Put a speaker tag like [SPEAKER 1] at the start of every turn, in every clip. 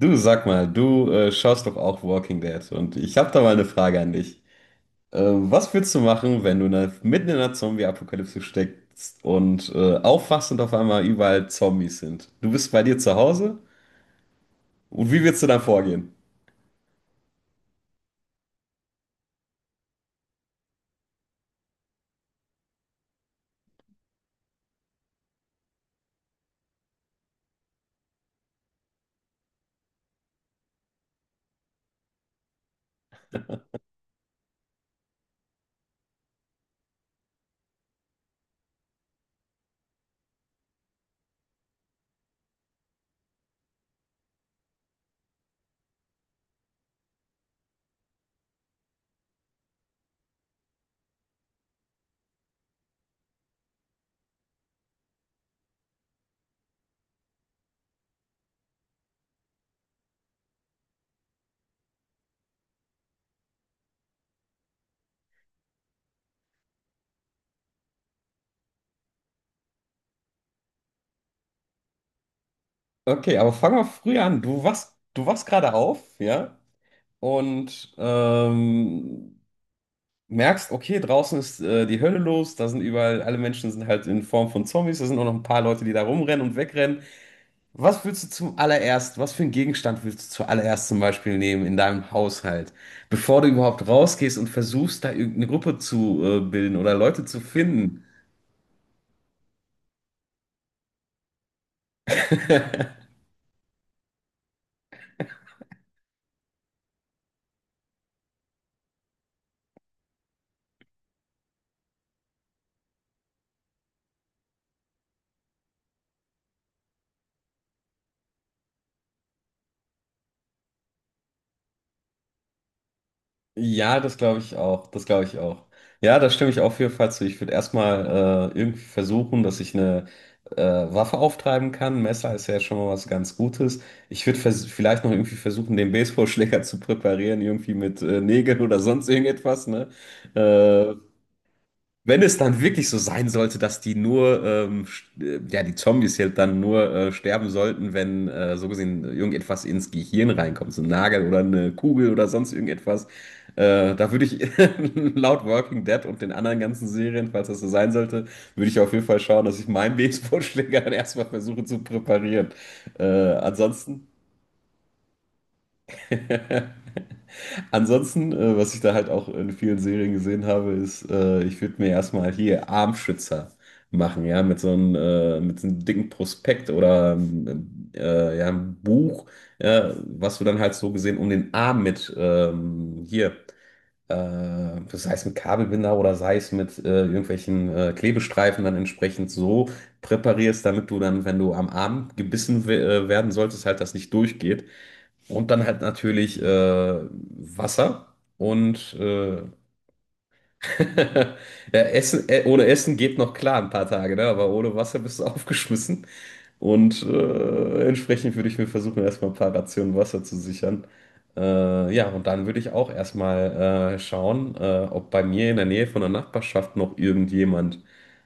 [SPEAKER 1] Du, sag mal, du schaust doch auch Walking Dead und ich habe da mal eine Frage an dich. Was würdest du machen, wenn du mitten in einer Zombie-Apokalypse steckst und aufwachst und auf einmal überall Zombies sind? Du bist bei dir zu Hause und wie würdest du dann vorgehen? Okay, aber fang mal früh an. Du wachst gerade auf, ja, und merkst, okay, draußen ist die Hölle los, da sind überall, alle Menschen sind halt in Form von Zombies, da sind auch noch ein paar Leute, die da rumrennen und wegrennen. Was willst du zum allererst, was für einen Gegenstand willst du zuallererst zum Beispiel nehmen in deinem Haushalt, bevor du überhaupt rausgehst und versuchst, da irgendeine Gruppe zu bilden oder Leute zu finden? Ja, das glaube ich auch. Das glaube ich auch. Ja, da stimme ich auf jeden Fall zu. Ich würde erstmal irgendwie versuchen, dass ich eine Waffe auftreiben kann. Messer ist ja schon mal was ganz Gutes. Ich würde vielleicht noch irgendwie versuchen, den Baseballschläger zu präparieren, irgendwie mit Nägeln oder sonst irgendetwas, ne? Äh, Wenn es dann wirklich so sein sollte, dass die nur, ja, die Zombies halt dann nur sterben sollten, wenn so gesehen irgendetwas ins Gehirn reinkommt, so ein Nagel oder eine Kugel oder sonst irgendetwas, da würde ich laut Walking Dead und den anderen ganzen Serien, falls das so sein sollte, würde ich auf jeden Fall schauen, dass ich meinen Baseballschläger dann erstmal versuche zu präparieren. Ansonsten. Ansonsten, was ich da halt auch in vielen Serien gesehen habe, ich würde mir erstmal hier Armschützer machen, ja, mit so einem dicken Prospekt oder ja, einem Buch, ja, was du dann halt so gesehen um den Arm mit äh, sei es mit Kabelbinder oder sei es mit irgendwelchen Klebestreifen dann entsprechend so präparierst, damit du dann, wenn du am Arm gebissen werden solltest, halt das nicht durchgeht. Und dann halt natürlich Wasser und ja, Essen, ohne Essen geht noch klar ein paar Tage, ne? Aber ohne Wasser bist du aufgeschmissen. Und entsprechend würde ich mir versuchen, erstmal ein paar Rationen Wasser zu sichern. Ja, und dann würde ich auch erstmal schauen, ob bei mir in der Nähe von der Nachbarschaft noch irgendjemand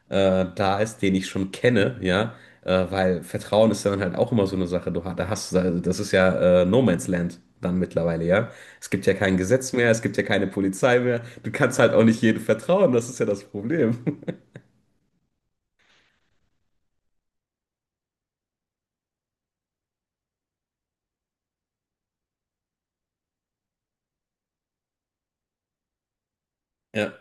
[SPEAKER 1] da ist, den ich schon kenne, ja. Weil Vertrauen ist dann halt auch immer so eine Sache. Du, ha- da hast, du- Das ist ja No Man's Land dann mittlerweile, ja. Es gibt ja kein Gesetz mehr, es gibt ja keine Polizei mehr. Du kannst halt auch nicht jedem vertrauen, das ist ja das Problem. Ja.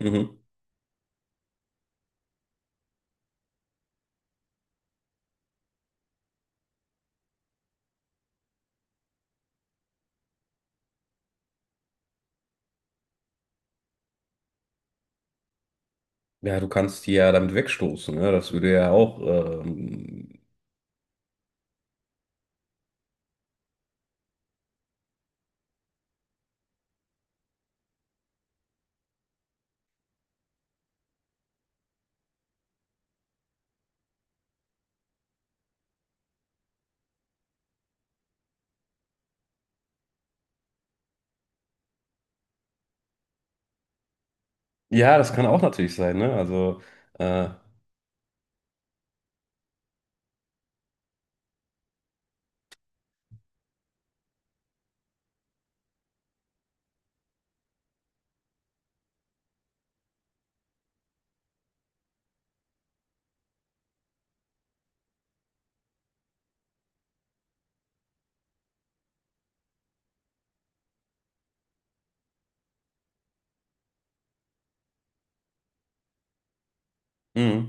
[SPEAKER 1] Mhm. Ja, du kannst die ja damit wegstoßen, ne? Das würde ja auch, ja, das kann auch natürlich sein, ne? Also, äh, mh.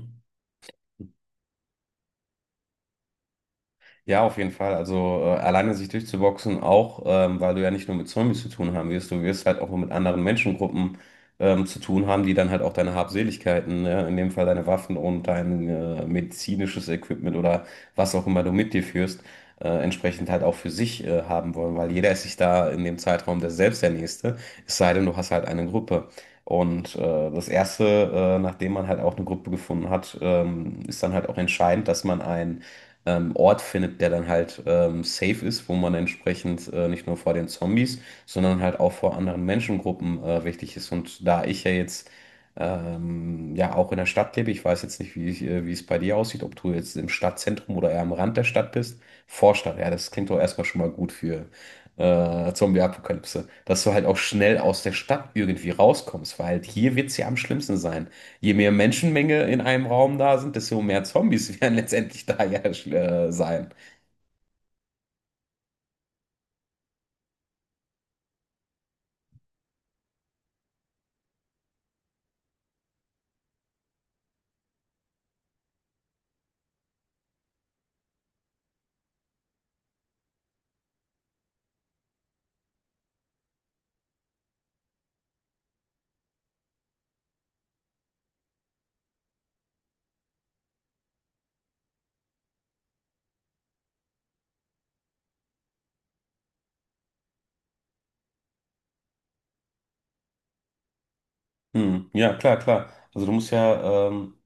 [SPEAKER 1] Ja, auf jeden Fall. Also alleine sich durchzuboxen auch, weil du ja nicht nur mit Zombies zu tun haben wirst, du wirst halt auch mit anderen Menschengruppen zu tun haben, die dann halt auch deine Habseligkeiten, ja, in dem Fall deine Waffen und dein medizinisches Equipment oder was auch immer du mit dir führst, entsprechend halt auch für sich haben wollen, weil jeder ist sich da in dem Zeitraum der selbst der Nächste, es sei denn, du hast halt eine Gruppe. Und das Erste, nachdem man halt auch eine Gruppe gefunden hat, ist dann halt auch entscheidend, dass man ein Ort findet, der dann halt safe ist, wo man entsprechend nicht nur vor den Zombies, sondern halt auch vor anderen Menschengruppen wichtig ist. Und da ich ja jetzt ja auch in der Stadt lebe, ich weiß jetzt nicht, wie es bei dir aussieht, ob du jetzt im Stadtzentrum oder eher am Rand der Stadt bist. Vorstadt, ja, das klingt doch erstmal schon mal gut für Zombie-Apokalypse, dass du halt auch schnell aus der Stadt irgendwie rauskommst, weil halt hier wird es ja am schlimmsten sein. Je mehr Menschenmenge in einem Raum da sind, desto mehr Zombies werden letztendlich da ja sein. Hm, ja, klar, klar. Also du musst ja,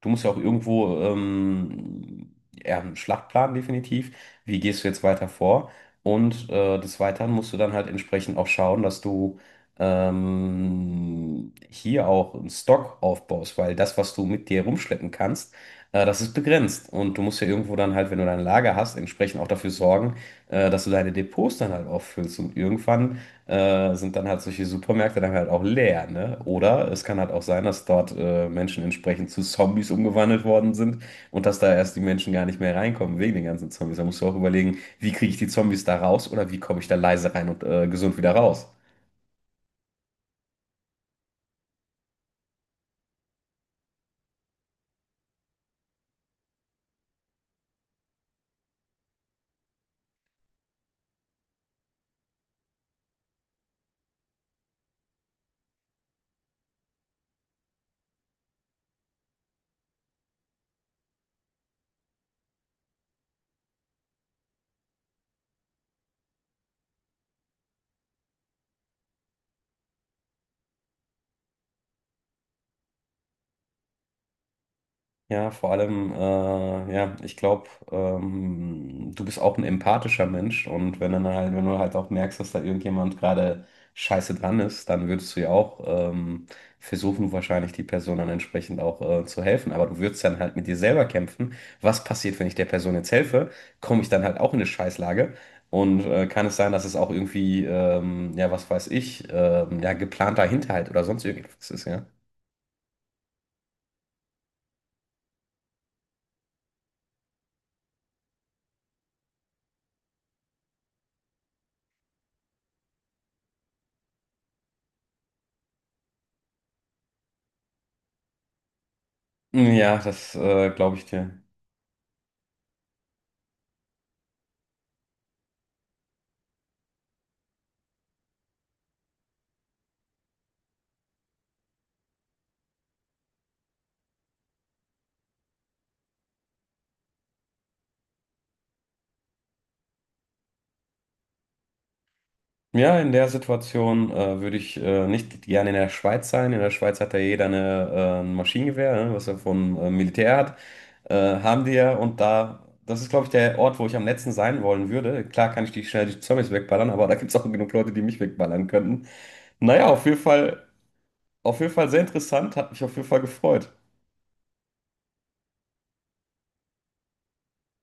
[SPEAKER 1] du musst ja auch irgendwo ja, einen Schlachtplan definitiv. Wie gehst du jetzt weiter vor? Und des Weiteren musst du dann halt entsprechend auch schauen, dass du hier auch einen Stock aufbaust, weil das, was du mit dir rumschleppen kannst, das ist begrenzt. Und du musst ja irgendwo dann halt, wenn du dein Lager hast, entsprechend auch dafür sorgen, dass du deine Depots dann halt auch füllst. Und irgendwann sind dann halt solche Supermärkte dann halt auch leer, ne? Oder es kann halt auch sein, dass dort Menschen entsprechend zu Zombies umgewandelt worden sind und dass da erst die Menschen gar nicht mehr reinkommen wegen den ganzen Zombies. Da musst du auch überlegen, wie kriege ich die Zombies da raus oder wie komme ich da leise rein und gesund wieder raus. Ja, vor allem, ja, ich glaube, du bist auch ein empathischer Mensch und wenn dann halt, wenn du halt auch merkst, dass da irgendjemand gerade scheiße dran ist, dann würdest du ja auch versuchen, wahrscheinlich die Person dann entsprechend auch zu helfen. Aber du würdest dann halt mit dir selber kämpfen. Was passiert, wenn ich der Person jetzt helfe? Komme ich dann halt auch in eine Scheißlage? Und kann es sein, dass es auch irgendwie, ja, was weiß ich, ja, geplanter Hinterhalt oder sonst irgendwas ist, ja? Ja, das glaube ich dir. Ja, in der Situation würde ich nicht gerne in der Schweiz sein. In der Schweiz hat ja jeder eine, ein Maschinengewehr, ne, was er vom Militär hat. Haben die ja und da, das ist, glaube ich, der Ort, wo ich am letzten sein wollen würde. Klar kann ich die schnell die Zombies wegballern, aber da gibt es auch genug Leute, die mich wegballern könnten. Naja, auf jeden Fall sehr interessant, hat mich auf jeden Fall gefreut.